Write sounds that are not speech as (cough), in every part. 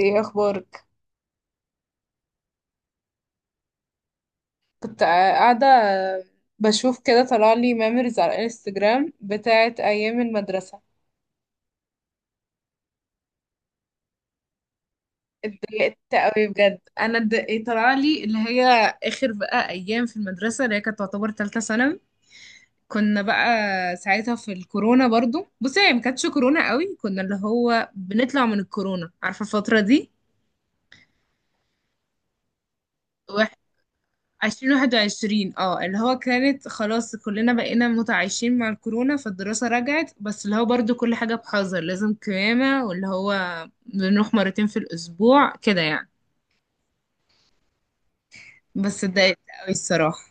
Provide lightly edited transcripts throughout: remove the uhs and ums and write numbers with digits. ايه اخبارك؟ كنت قاعده بشوف كده، طلع لي ميموريز على الانستجرام بتاعت ايام المدرسه. اتضايقت قوي بجد، انا اتضايقت. طلع لي اللي هي اخر بقى ايام في المدرسه، اللي هي كانت تعتبر ثالثه ثانوي. كنا بقى ساعتها في الكورونا، برضو بصي هي ما كانتش كورونا قوي، كنا اللي هو بنطلع من الكورونا، عارفه الفتره دي. عشرين واحد وعشرين، اه اللي هو كانت خلاص كلنا بقينا متعايشين مع الكورونا، فالدراسة رجعت، بس اللي هو برضو كل حاجة بحذر، لازم قيامة، واللي هو بنروح مرتين في الأسبوع كده يعني. بس اتضايقت قوي الصراحة.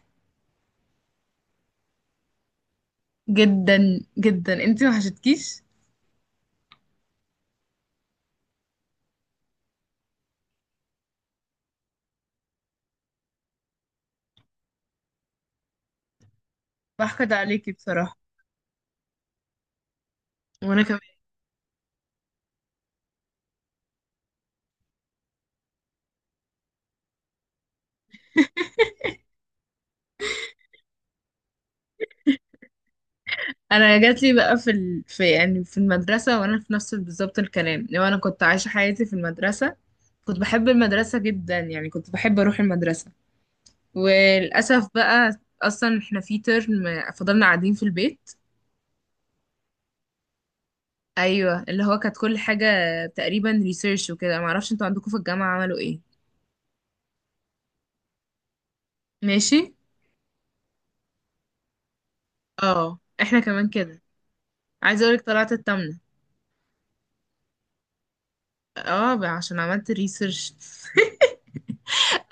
جدا جدا. انتي ما حشتكيش؟ بحقد عليكي بصراحة. وانا كمان. انا جات لي بقى في المدرسة، وانا في نفس بالظبط الكلام، لو انا كنت عايشة حياتي في المدرسة. كنت بحب المدرسة جدا، يعني كنت بحب اروح المدرسة. وللأسف بقى، أصلا احنا في ترم فضلنا قاعدين في البيت. أيوة اللي هو كانت كل حاجة تقريبا ريسيرش وكده. معرفش انتوا عندكم في الجامعة عملوا ايه. ماشي. اه احنا كمان كده. عايزة اقولك طلعت التامنة. اه بقى عشان عملت ريسيرش (laughs)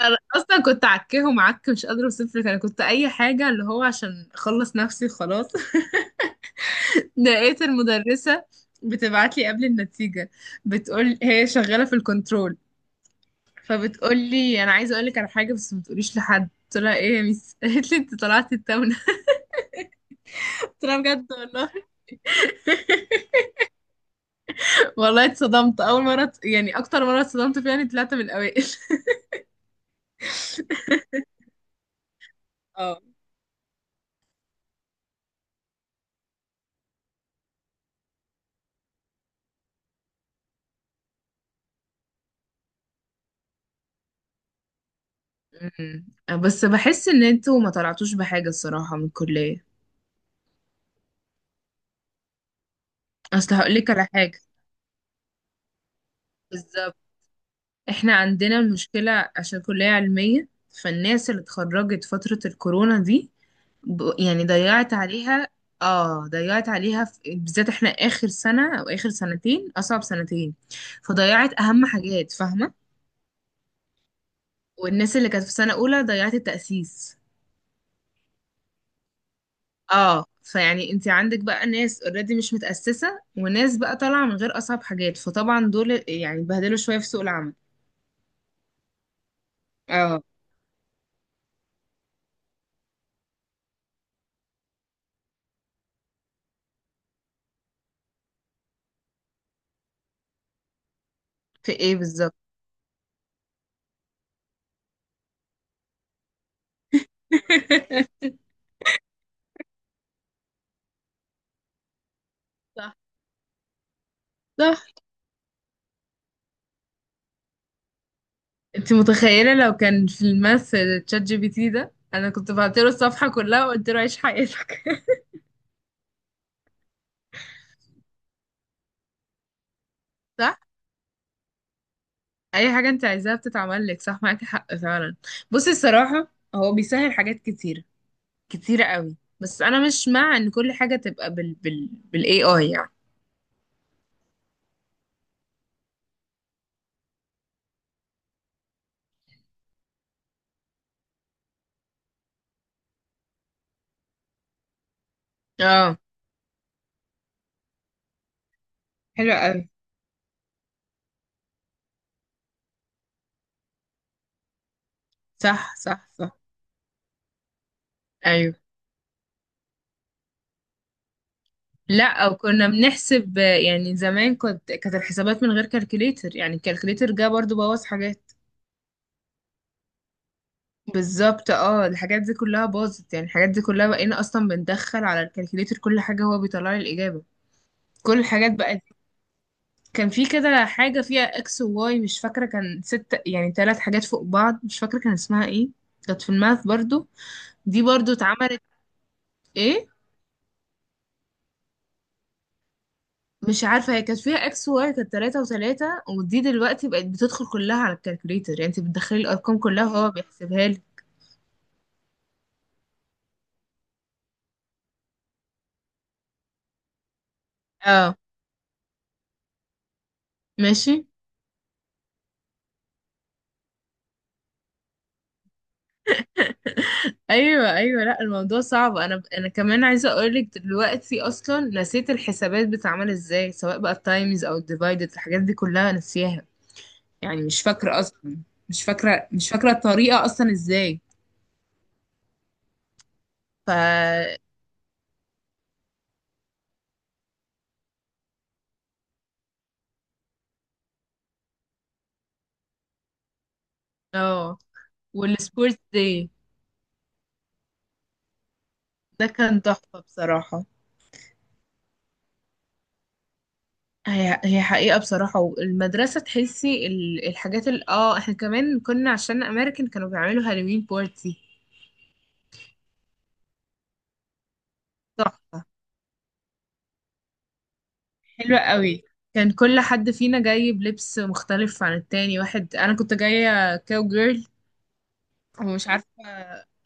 انا اصلا كنت عكهم عك، مش قادره اوصف لك. انا كنت اي حاجه اللي هو عشان اخلص نفسي خلاص (laughs) لقيت المدرسه بتبعت لي قبل النتيجه، بتقول هي شغاله في الكنترول، فبتقولي انا عايزه اقول لك على حاجه بس ما تقوليش لحد. قلت لها ايه يا ميس؟ (laughs) قالت لي انت طلعتي التونه. (laughs) قلت لها بجد والله؟ والله اتصدمت اول مره، يعني اكتر مره اتصدمت فيها اني طلعت من الاوائل (laughs) اه. أمم. بس بحس ان انتوا ما طلعتوش بحاجه الصراحه من الكليه. اصل هقول لك على حاجه، بالظبط. احنا عندنا المشكله عشان كليه علميه، فالناس اللي اتخرجت فتره الكورونا دي يعني ضيعت عليها. اه ضيعت عليها بالذات احنا اخر سنة او اخر سنتين اصعب سنتين، فضيعت اهم حاجات، فاهمة؟ والناس اللي كانت في سنة اولى ضيعت التأسيس. اه، فيعني انت عندك بقى ناس اوريدي مش متأسسة، وناس بقى طالعة من غير اصعب حاجات، فطبعا دول يعني اتبهدلوا شوية في سوق العمل. اه. في ايه بالظبط؟ (laughs) صح صح. انت متخيلة لو كان في الماث تشات جي بي تي؟ ده انا كنت بعت له الصفحة كلها وقلت له عيش حياتك (laughs) صح. اي حاجه انت عايزاها بتتعمل لك. صح، معاكي حق فعلا. بصي الصراحه، هو بيسهل حاجات كتيره، كتيره قوي، بس انا مش مع ان كل حاجه تبقى بالاي اي يعني. اه. حلو قوي. صح صح صح. ايوه. لا، او كنا بنحسب، يعني زمان كنت كانت الحسابات من غير كالكوليتر، يعني الكالكوليتر جه برضو بوظ حاجات. بالظبط، اه الحاجات دي كلها باظت، يعني الحاجات دي كلها بقينا اصلا بندخل على الكالكوليتر، كل حاجه هو بيطلع لي الاجابه، كل الحاجات بقت. كان في كده حاجة فيها اكس وواي، مش فاكرة، كان ست يعني ثلاث حاجات فوق بعض، مش فاكرة كان اسمها ايه. كانت في الماث برضو. دي برضو اتعملت. ايه؟ مش عارفة هي كانت فيها اكس وواي، كانت ثلاثة وثلاثة، ودي دلوقتي بقت بتدخل كلها على الكالكوليتر، يعني انت بتدخلي الارقام كلها وهو بيحسبها لك. اه. ماشي. ايوه ايوه. لا الموضوع صعب. انا كمان عايزه اقولك دلوقتي اصلا نسيت الحسابات بتتعمل ازاي، سواء بقى التايمز او الديفايدد، الحاجات دي كلها نسيها، يعني مش فاكرة أصلا، مش فاكرة مش فاكرة الطريقة أصلا إزاي. ف... اه. والسبورتس داي ده كان تحفة بصراحة. هي هي حقيقة بصراحة، والمدرسة تحسي الحاجات ال اه احنا كمان كنا عشان أمريكان كانوا بيعملوا هالوين بارتي. تحفة، حلوة قوي. كان كل حد فينا جاي بلبس مختلف عن التاني. واحد أنا كنت جاية كاو جيرل ومش عارفة.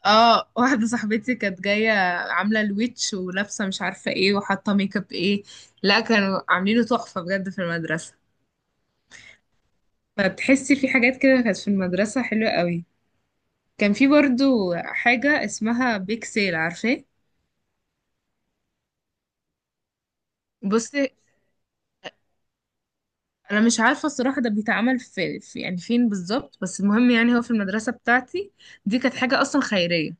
اه واحدة صاحبتي كانت جاية عاملة الويتش، ولابسة مش عارفة ايه، وحاطة ميك اب ايه. لا كانوا عاملينه تحفة بجد في المدرسة. فتحسي في حاجات كده كانت في المدرسة حلوة قوي. كان في برضو حاجة اسمها بيك سيل، عارفاه؟ بصي انا مش عارفة الصراحة ده بيتعمل في يعني فين بالظبط، بس المهم يعني هو في المدرسة بتاعتي دي كانت حاجة اصلا خيرية.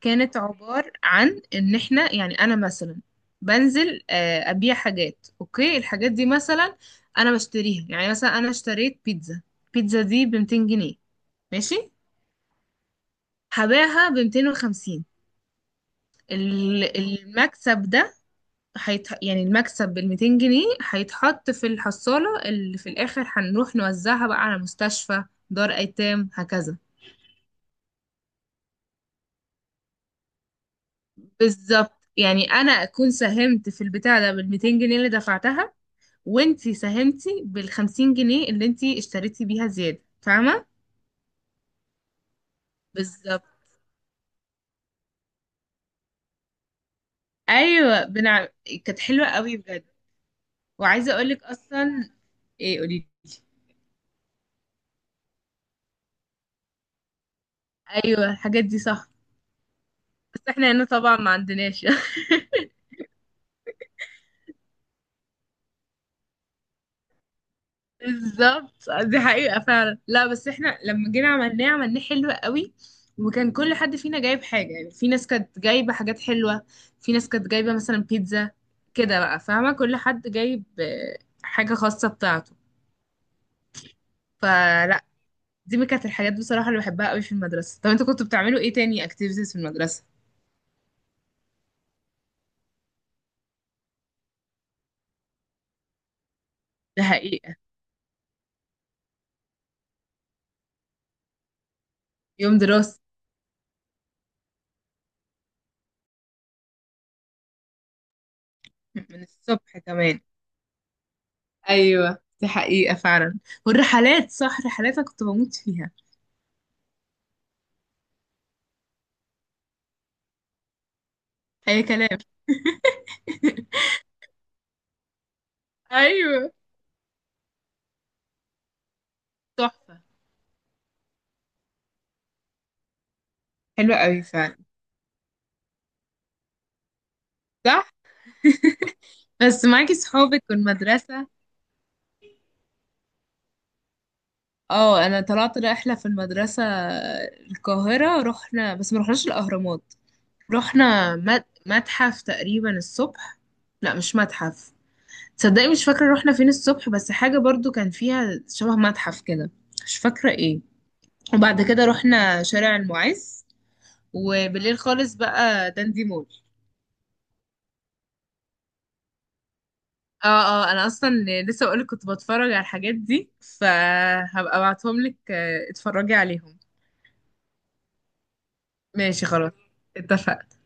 كانت عبارة عن ان احنا يعني انا مثلا بنزل ابيع حاجات. اوكي. الحاجات دي مثلا انا بشتريها، يعني مثلا انا اشتريت بيتزا، البيتزا دي ب 200 جنيه، ماشي. هبيعها ب 250. ال- المكسب ده يعني المكسب ال 200 جنيه هيتحط في الحصالة اللي في الاخر، هنروح نوزعها بقى على مستشفى، دار ايتام، هكذا. بالظبط. يعني انا اكون ساهمت في البتاع ده بال 200 جنيه اللي دفعتها، وانتي ساهمتي بال50 جنيه اللي انتي اشتريتي بيها زيادة، فاهمة؟ بالظبط. ايوه كانت حلوة قوي بجد. وعايزة اقولك اصلا. ايه قولي. ايوه الحاجات دي صح، بس احنا هنا طبعا ما عندناش. (laughs) بالظبط، دي حقيقة فعلا. لا بس احنا لما جينا عملناه، عملناه حلو قوي. وكان كل حد فينا جايب حاجة، يعني في ناس كانت جايبة حاجات حلوة، في ناس كانت جايبة مثلا بيتزا، كده بقى، فاهمة؟ كل حد جايب حاجة خاصة بتاعته. فلا، دي من كانت الحاجات بصراحة اللي بحبها قوي في المدرسة. طب انتوا كنتوا بتعملوا ايه تاني اكتيفيتيز في المدرسة؟ ده حقيقة. يوم دراسي (laughs) من الصبح كمان. ايوه دي حقيقة فعلا. والرحلات، صح، رحلات أنا كنت بموت فيها. اي كلام. ايوه تحفة. حلوة قوي فعلا. صح. بس معاكي صحابك والمدرسة. اه انا طلعت رحلة في المدرسة، القاهرة رحنا، بس ما رحناش الاهرامات. رحنا متحف تقريبا الصبح. لا مش متحف. تصدقي مش فاكرة رحنا فين الصبح، بس حاجة برضو كان فيها شبه متحف كده، مش فاكرة ايه. وبعد كده رحنا شارع المعز، وبالليل خالص بقى داندي مول. اه. اه انا اصلا لسه بقولك كنت بتفرج على الحاجات دي، فهبقى ابعتهم لك اتفرجي عليهم. ماشي خلاص، اتفقنا.